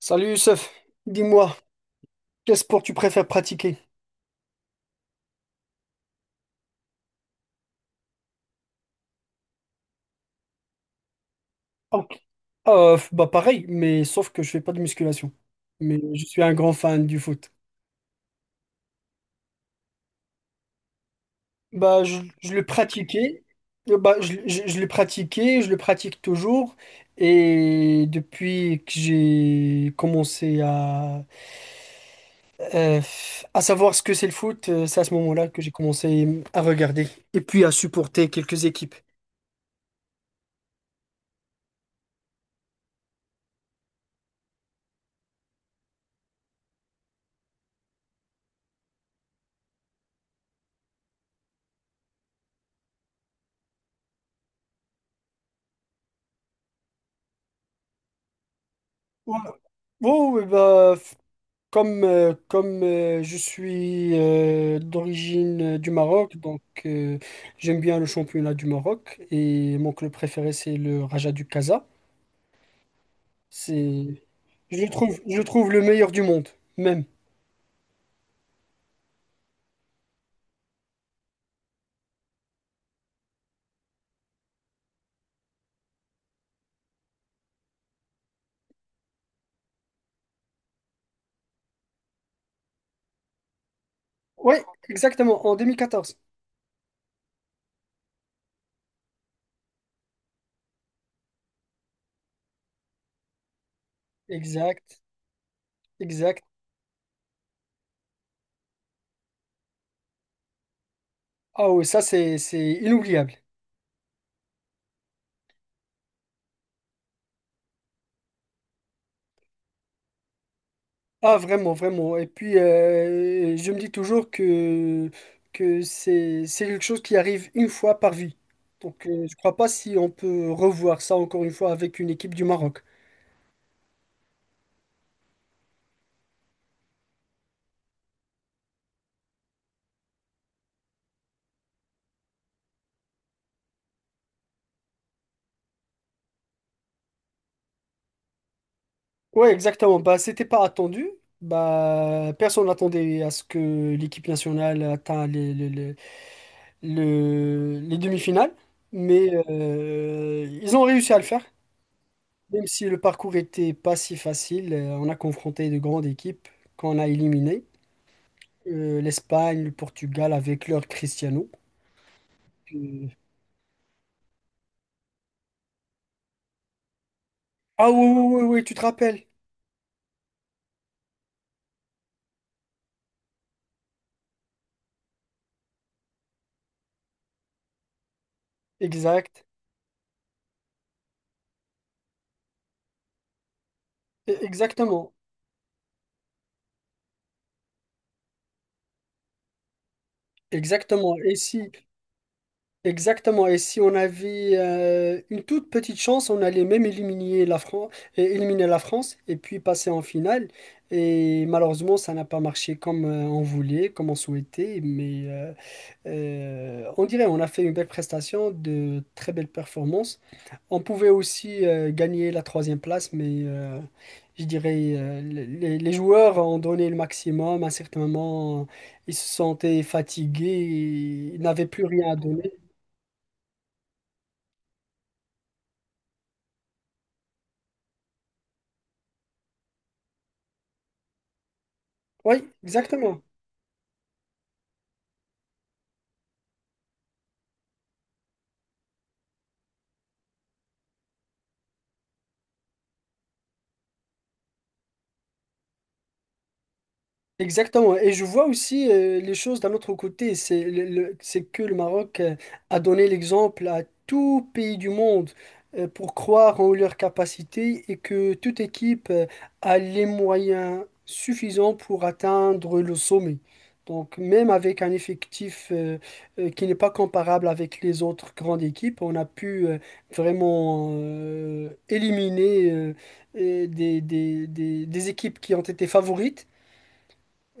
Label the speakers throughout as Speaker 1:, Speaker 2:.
Speaker 1: Salut Youssef, dis-moi, quel sport tu préfères pratiquer? Oh, bah pareil, mais sauf que je fais pas de musculation. Mais je suis un grand fan du foot. Je le pratiquais. Je le pratiquais, je le pratique toujours. Et depuis que j'ai commencé euh, à savoir ce que c'est le foot, c'est à ce moment-là que j'ai commencé à regarder et puis à supporter quelques équipes. Ouais. Oh, oui, bah, comme je suis d'origine du Maroc, donc j'aime bien le championnat du Maroc et mon club préféré c'est le Raja du Casa. C'est, je le trouve, je le trouve le meilleur du monde, même. Oui, exactement, en 2014. Exact, exact. Ah oui, ça c'est inoubliable. Ah, vraiment, vraiment. Et puis, je me dis toujours que, c'est quelque chose qui arrive une fois par vie. Donc, je crois pas si on peut revoir ça encore une fois avec une équipe du Maroc. Ouais, exactement. Bah, c'était pas attendu. Bah, personne n'attendait à ce que l'équipe nationale atteigne les demi-finales. Mais ils ont réussi à le faire. Même si le parcours était pas si facile, on a confronté de grandes équipes qu'on a éliminées. L'Espagne, le Portugal avec leur Cristiano. Euh, Ah oui, oui, oui, oui, tu te rappelles. Exact. Exactement. Exactement. Et si, exactement. Et si on avait une toute petite chance, on allait même éliminer la France et puis passer en finale. Et malheureusement, ça n'a pas marché comme on voulait, comme on souhaitait. Mais on dirait on a fait une belle prestation, de très belles performances. On pouvait aussi gagner la troisième place, mais je dirais les joueurs ont donné le maximum. À un certain moment, ils se sentaient fatigués, ils n'avaient plus rien à donner. Oui, exactement. Exactement. Et je vois aussi les choses d'un autre côté. C'est que le Maroc a donné l'exemple à tout pays du monde pour croire en leurs capacités et que toute équipe a les moyens suffisants pour atteindre le sommet. Donc même avec un effectif qui n'est pas comparable avec les autres grandes équipes, on a pu vraiment éliminer des équipes qui ont été favorites.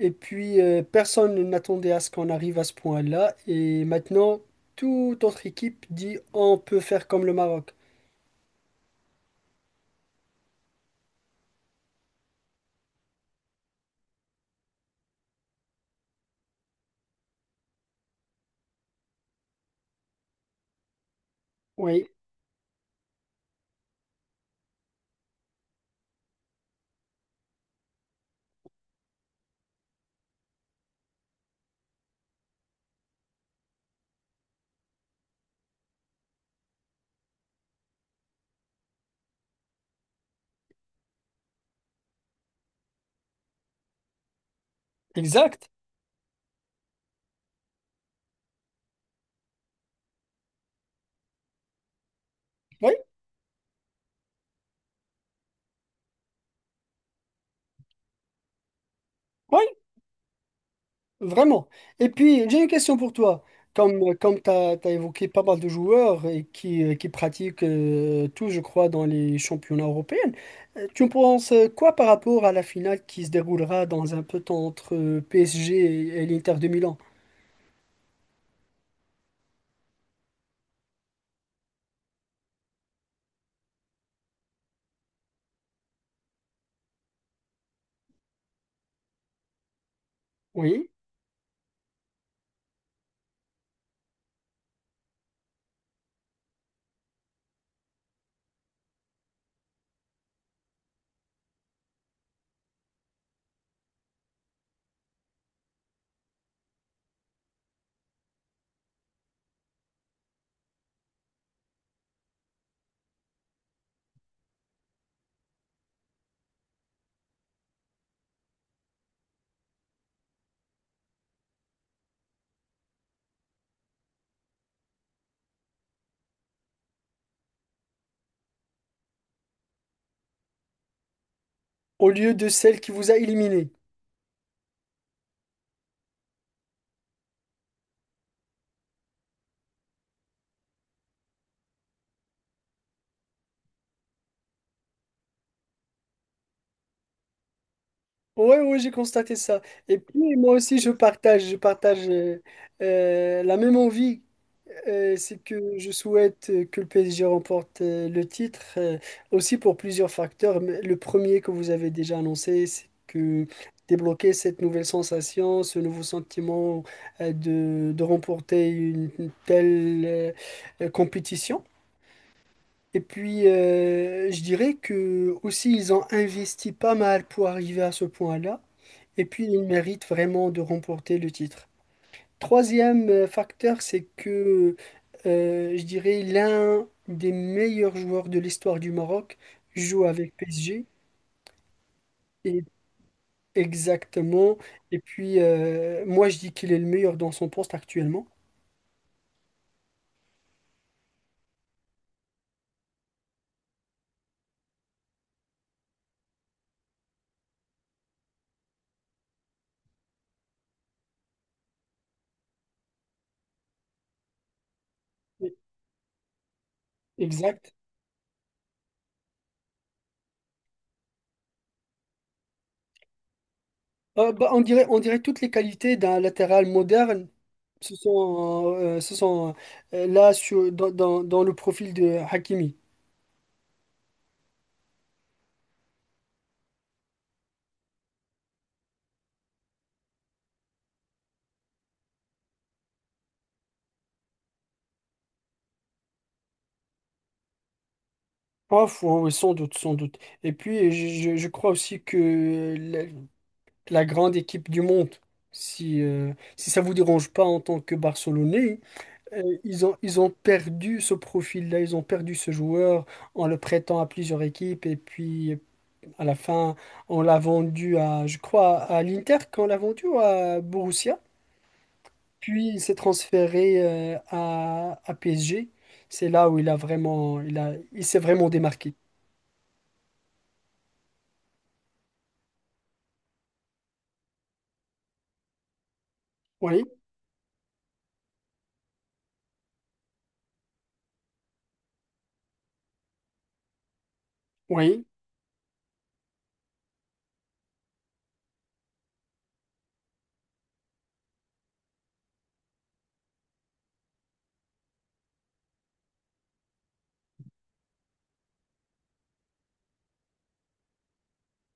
Speaker 1: Et puis, personne n'attendait à ce qu'on arrive à ce point-là. Et maintenant, toute autre équipe dit on peut faire comme le Maroc. Oui, exact. Oui, oui, vraiment. Et puis, j'ai une question pour toi. Comme tu as évoqué pas mal de joueurs et qui pratiquent tout, je crois, dans les championnats européens, tu en penses quoi par rapport à la finale qui se déroulera dans un peu de temps entre PSG et l'Inter de Milan? Oui, au lieu de celle qui vous a éliminé. Oui, oui, j'ai constaté ça. Et puis, moi aussi, je partage la même envie. C'est que je souhaite que le PSG remporte le titre, aussi pour plusieurs facteurs. Mais le premier que vous avez déjà annoncé, c'est que débloquer cette nouvelle sensation, ce nouveau sentiment de remporter une telle compétition. Et puis, je dirais que aussi, ils ont investi pas mal pour arriver à ce point-là. Et puis, il mérite vraiment de remporter le titre. Troisième facteur, c'est que je dirais l'un des meilleurs joueurs de l'histoire du Maroc joue avec PSG. Et exactement. Et puis, moi, je dis qu'il est le meilleur dans son poste actuellement. Exact. Bah, on dirait toutes les qualités d'un latéral moderne se sont là dans le profil de Hakimi. Oh, oui, sans doute, sans doute. Et puis, je crois aussi que la grande équipe du monde, si, si ça vous dérange pas en tant que Barcelonais, ils ont perdu ce profil-là, ils ont perdu ce joueur en le prêtant à plusieurs équipes. Et puis, à la fin, on l'a vendu à, je crois, à l'Inter, qu'on l'a vendu ou à Borussia. Puis, il s'est transféré à PSG. C'est là où il a vraiment, il s'est vraiment démarqué. Oui, oui.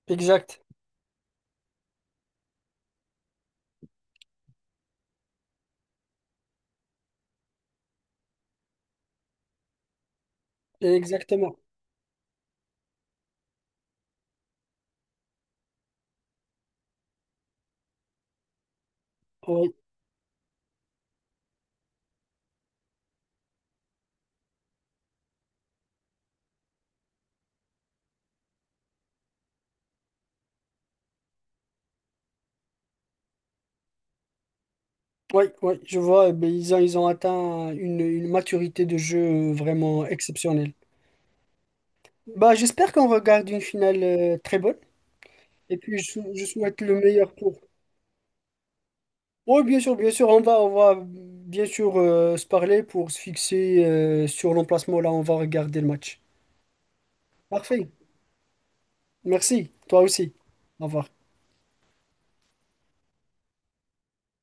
Speaker 1: Exact, exactement. Oui, oui, oui, je vois, eh ben, ils ont atteint une maturité de jeu vraiment exceptionnelle. Bah, j'espère qu'on regarde une finale très bonne et puis je souhaite le meilleur pour. Oui, bien sûr, on va bien sûr se parler pour se fixer sur l'emplacement. Là, on va regarder le match. Parfait, merci, toi aussi. Au revoir.